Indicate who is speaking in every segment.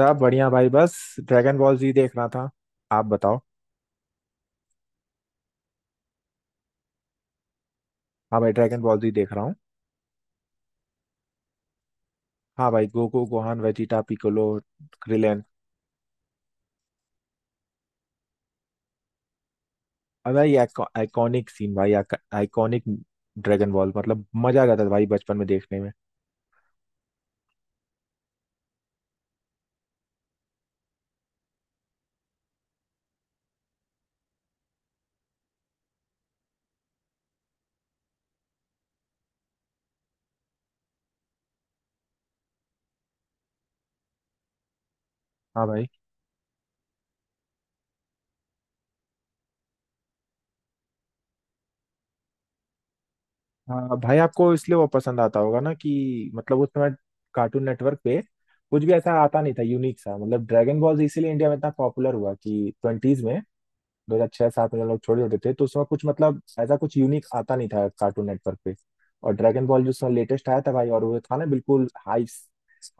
Speaker 1: सब बढ़िया भाई, बस ड्रैगन बॉल जी देख रहा था। आप बताओ। हाँ भाई, ड्रैगन बॉल जी देख रहा हूँ। हाँ भाई, Goku Gohan Vegeta Piccolo Krillin. अब भाई आइकॉनिक सीन भाई, आइकॉनिक। ड्रैगन बॉल मतलब मजा आ जाता था भाई बचपन में देखने में। हाँ भाई, हाँ भाई, आपको इसलिए वो पसंद आता होगा ना कि मतलब उस समय कार्टून नेटवर्क पे कुछ भी ऐसा आता नहीं था यूनिक सा। मतलब ड्रैगन बॉल जी इसीलिए इंडिया में इतना पॉपुलर हुआ कि ट्वेंटीज में, दो हजार छह सात में, जब लोग छोड़ देते थे तो उसमें कुछ मतलब ऐसा कुछ यूनिक आता नहीं था कार्टून नेटवर्क पे। और ड्रैगन बॉल जो उसमें लेटेस्ट आया था भाई, और वो था ना बिल्कुल हाइप।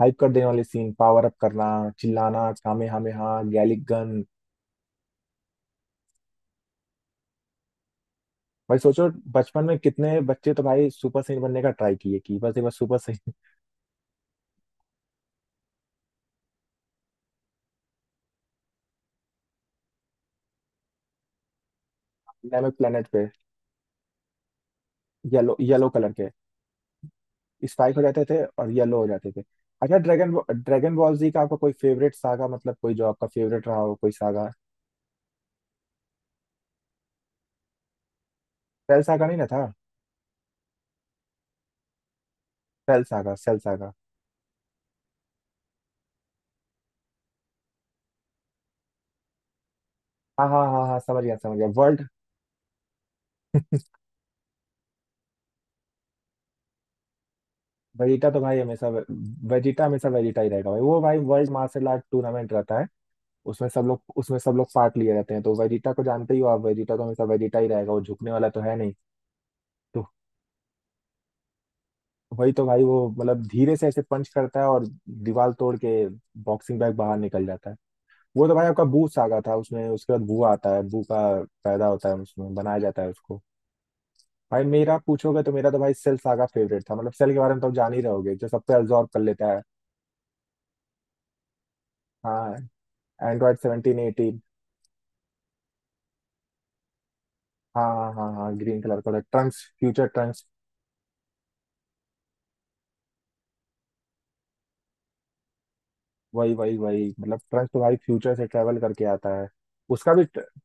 Speaker 1: हाइप कर देने वाले सीन, पावर अप करना, चिल्लाना, कामे हामे हा, गैलिक गन। भाई सोचो बचपन में कितने बच्चे तो भाई सुपर सैयन बनने का ट्राई किए कि बस एक बार सुपर सैयन। डायनामिक प्लेनेट पे। येलो येलो कलर के। स्पाइक हो जाते थे और येलो हो जाते थे। अच्छा ड्रैगन, ड्रैगन बॉल जी का आपका कोई फेवरेट सागा, मतलब कोई जो आपका फेवरेट रहा हो कोई सागा। ट्वेल्व सागा नहीं ना था। Cell saga, Cell saga. हाँ हाँ हाँ हाँ, समझ गया समझ गया, वर्ल्ड। वेजिटा तो भाई हमेशा, वेजिटा हमेशा वेजिटा ही रहेगा भाई। वो भाई वर्ल्ड मार्शल आर्ट टूर्नामेंट रहता है। उसमें सब लोग पार्ट लिए रहते हैं तो वेजिटा को जानते ही हो आप, वेजिटा तो हमेशा वेजिटा ही रहेगा, वो झुकने वाला तो है नहीं। तो वही तो भाई, वो मतलब धीरे से ऐसे पंच करता है और दीवार तोड़ के बॉक्सिंग बैग बाहर निकल जाता है। वो तो भाई आपका बू सागा था, उसमें उसके बाद बू आता है, बू का पैदा होता है, उसमें बनाया जाता है उसको। भाई मेरा पूछोगे तो मेरा तो भाई सेल सागा फेवरेट था। मतलब सेल के बारे में तो आप जान ही रहोगे, जो सब पे absorb कर लेता है। हाँ। एंड्रॉइड 17 18। हाँ हाँ हाँ हाँ, ग्रीन कलर का ट्रंक्स, फ्यूचर ट्रंक्स। वही वही वही मतलब ट्रंक्स तो भाई फ्यूचर से ट्रेवल करके आता है। उसका भी tr-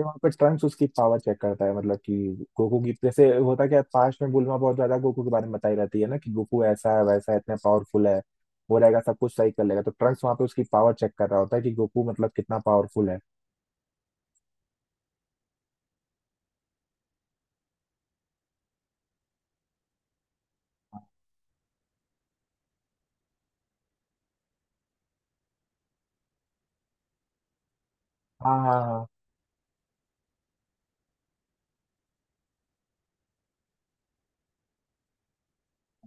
Speaker 1: वहाँ पे ट्रंक्स उसकी पावर चेक करता है, मतलब कि गोकू की। जैसे होता क्या है, पास्ट में बुल्मा बहुत ज्यादा गोकू के बारे में बताई रहती है ना कि गोकू ऐसा है वैसा है इतना पावरफुल है, हो रहेगा सब कुछ सही कर लेगा। तो ट्रंक्स वहाँ पे उसकी पावर चेक कर रहा होता है कि गोकू मतलब कितना पावरफुल है। हाँ हाँ हाँ।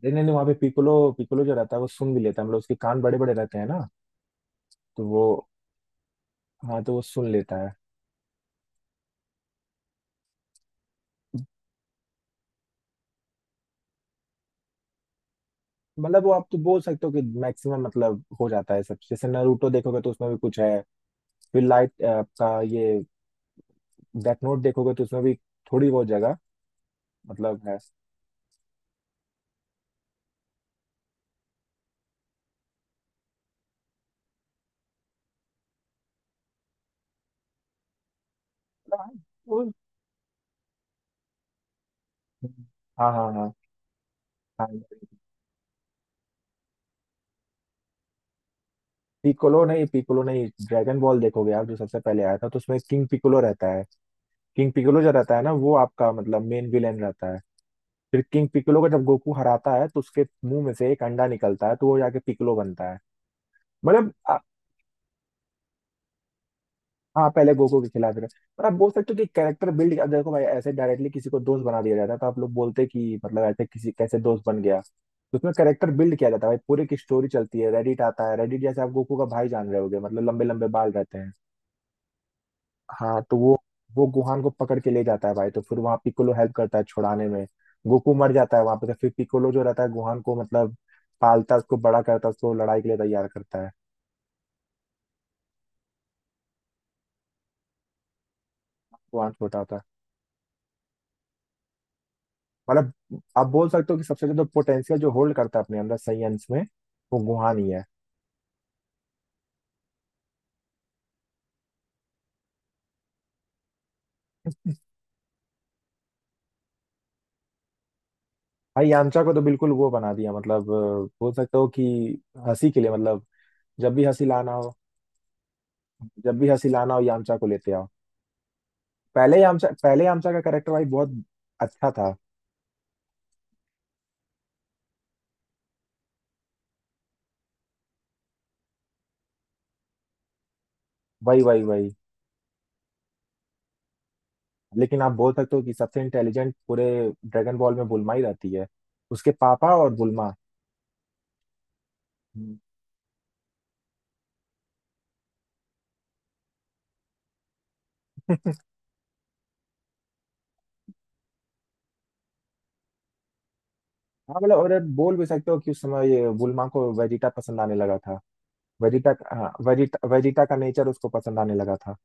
Speaker 1: नहीं नहीं नहीं, वहाँ पे पिकोलो पिकोलो जो रहता है वो सुन भी लेता है, मतलब उसके कान बड़े बड़े रहते हैं ना। तो वो हाँ, तो वो सुन लेता है। मतलब वो आप तो बोल सकते हो कि मैक्सिमम मतलब हो जाता है सब। जैसे नारुतो देखोगे तो उसमें भी कुछ है, फिर लाइट आपका ये डेथ नोट देखोगे तो उसमें भी थोड़ी बहुत जगह, मतलब है। मतलब हाँ। वो- हाँ हाँ हाँ हाँ। पिकोलो नहीं, ड्रैगन बॉल देखोगे आप, जो सबसे पहले आया था, तो उसमें किंग पिकोलो रहता है। किंग पिकोलो जो रहता है ना, वो आपका मतलब मेन विलेन रहता है। फिर किंग पिक्कोलो को जब गोकू हराता है तो उसके मुंह में से एक अंडा निकलता है, तो वो जाके पिक्कोलो बनता है। मतलब आ- हाँ पहले गोकू के खिलाफ रहे, पर आप बोल सकते हो कि कैरेक्टर बिल्ड। अब देखो भाई ऐसे डायरेक्टली किसी को दोस्त बना दिया जाता है तो आप लोग बोलते कि मतलब ऐसे किसी कैसे दोस्त बन गया, तो उसमें कैरेक्टर बिल्ड किया जाता है भाई, पूरी की स्टोरी चलती है। रेडिट आता है, रेडिट जैसे आप गोकू का भाई जान रहे होगे, मतलब लंबे लंबे बाल रहते हैं। हाँ तो वो गुहान को पकड़ के ले जाता है भाई, तो फिर वहाँ पिकोलो हेल्प करता है छुड़ाने में। गोकू मर जाता है वहां पे, तो फिर पिकोलो जो रहता है गुहान को मतलब पालता है, उसको बड़ा करता है, उसको लड़ाई के लिए तैयार करता है। गुहान छोटा होता है। मतलब आप बोल सकते हो कि सबसे ज्यादा पोटेंशियल जो होल्ड करता है अपने अंदर सही अंश में, वो गुहान ही है। भाई यामचा को तो बिल्कुल वो बना दिया, मतलब बोल सकते हो कि हंसी के लिए, मतलब जब भी हंसी लाना हो, जब भी हंसी लाना हो यामचा को लेते आओ। पहले यामचा का कैरेक्टर भाई बहुत अच्छा था। वही वही वही। लेकिन आप बोल सकते हो कि सबसे इंटेलिजेंट पूरे ड्रैगन बॉल में बुल्मा ही रहती है, उसके पापा और बुल्मा। हम्म। हाँ मतलब और बोल भी सकते हो कि उस समय ये बुल्मा को वेजिटा पसंद आने लगा था। वेजिटा, हाँ वेजिटा, वेजिटा का नेचर उसको पसंद आने लगा था।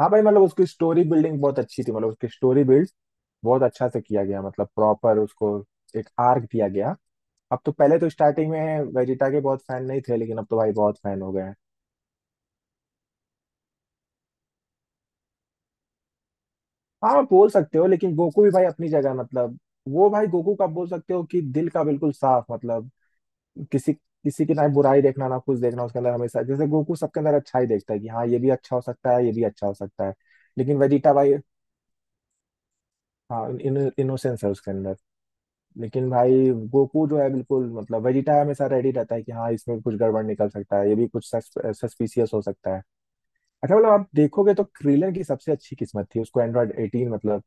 Speaker 1: हाँ भाई, मतलब उसकी स्टोरी बिल्डिंग बहुत अच्छी थी। मतलब उसकी स्टोरी बिल्ड बहुत अच्छा से किया गया, मतलब प्रॉपर उसको एक आर्क दिया गया। अब तो, पहले तो स्टार्टिंग में वेजिटा के बहुत फैन नहीं थे, लेकिन अब तो भाई बहुत फैन हो गए हैं। हाँ बोल सकते हो, लेकिन गोकू भी भाई अपनी जगह मतलब, वो भाई गोकू का बोल सकते हो कि दिल का बिल्कुल साफ। मतलब किसी, किसी की ना बुराई देखना ना कुछ देखना उसके अंदर, हमेशा जैसे गोकू सबके अंदर अच्छा ही देखता है कि हाँ ये भी अच्छा हो सकता है, ये भी अच्छा हो सकता है। लेकिन वेजिटा भाई, हाँ इनोसेंस है उसके अंदर। लेकिन भाई गोकू जो है बिल्कुल, मतलब वेजिटा हमेशा रेडी रहता है कि हाँ इसमें कुछ गड़बड़ निकल सकता है, ये भी कुछ सस्पिशियस हो सकता है। अच्छा मतलब आप देखोगे तो क्रीलन की सबसे अच्छी किस्मत थी, उसको एंड्रॉयड एटीन मतलब।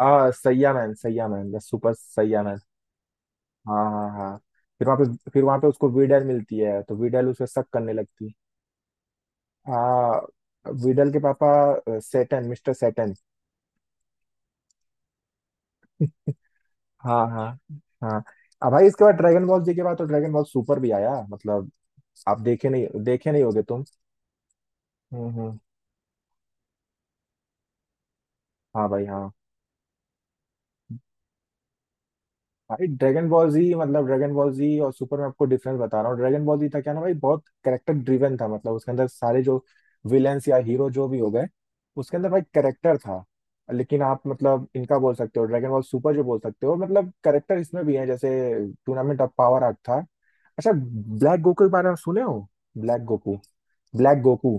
Speaker 1: सैया man, Saiyaman, the super Saiyaman. हाँ हाँ हाँ। फिर वहाँ पे, फिर वहाँ पे उसको वीडल मिलती है, तो वीडल उस पे शक करने लगती है। हाँ वीडल के पापा, सेटन, मिस्टर सेटन। हाँ हाँ हाँ। अब भाई इसके बाद, ड्रैगन बॉल जी के बाद तो ड्रैगन बॉल सुपर भी आया, मतलब आप देखे नहीं, देखे नहीं होगे तुम। हम्म। हाँ भाई। हाँ भाई, ड्रैगन बॉल जी मतलब ड्रैगन बॉल जी और सुपर में आपको डिफरेंस बता रहा हूँ। ड्रैगन बॉल जी था क्या ना भाई, बहुत कैरेक्टर ड्रिवन था, मतलब उसके अंदर सारे जो विलेंस या हीरो जो भी हो गए, उसके अंदर भाई कैरेक्टर था। लेकिन आप मतलब इनका बोल सकते हो ड्रैगन बॉल सुपर, जो बोल सकते हो मतलब कैरेक्टर इसमें भी है, जैसे टूर्नामेंट ऑफ पावर आर्ट था। अच्छा ब्लैक गोकू के बारे में सुने हो, ब्लैक गोकू। Black Goku.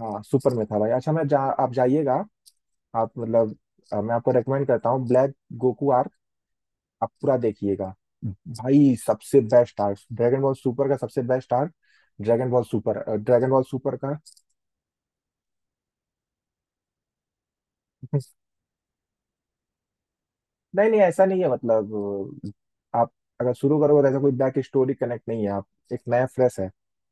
Speaker 1: हाँ सुपर में था भाई। अच्छा मैं आप जाइएगा। आप मतलब, मैं आपको रेकमेंड करता हूँ, ब्लैक गोकू आप पूरा देखिएगा। भाई सबसे best arc, Dragon Ball Super का सबसे best arc. Dragon Ball Super, Dragon Ball Super का नहीं नहीं ऐसा नहीं है, मतलब आप अगर शुरू करोगे तो ऐसा कोई बैक स्टोरी कनेक्ट नहीं है, आप एक नया फ्रेश है।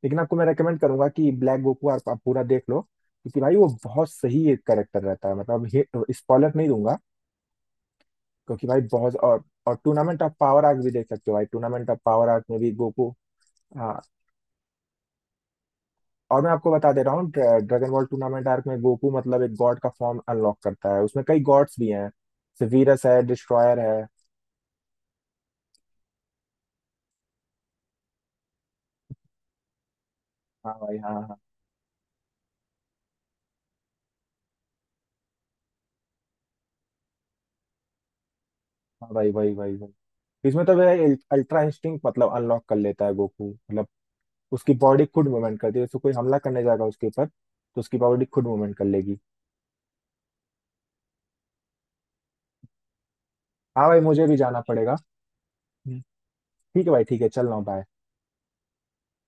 Speaker 1: लेकिन आपको मैं रेकमेंड करूंगा कि ब्लैक गोकू आप पूरा देख लो, क्योंकि भाई वो बहुत सही एक करेक्टर रहता है, मतलब स्पॉइलर नहीं दूंगा। क्योंकि भाई बहुत, और टूर्नामेंट ऑफ पावर आर्क भी देख सकते हो भाई, टूर्नामेंट ऑफ पावर आर्क में भी गोकू। और मैं आपको बता दे रहा हूँ, ड्रैगन बॉल टूर्नामेंट आर्क में गोकू मतलब एक गॉड का फॉर्म अनलॉक करता है, उसमें कई गॉड्स भी हैं, सेवियरस है, डिस्ट्रॉयर है। हाँ भाई हाँ हाँ। हाँ भाई भाई भाई भाई। इसमें तो वह अल्ट्रा इंस्टिंक्ट मतलब अनलॉक कर लेता है गोकू, मतलब उसकी बॉडी खुद मूवमेंट करती है, तो कोई हमला करने जाएगा उसके ऊपर तो उसकी बॉडी खुद मूवमेंट कर लेगी। हाँ भाई, मुझे भी जाना पड़ेगा। हम्म। ठीक है भाई, ठीक है, चल रहा हूँ, बाय।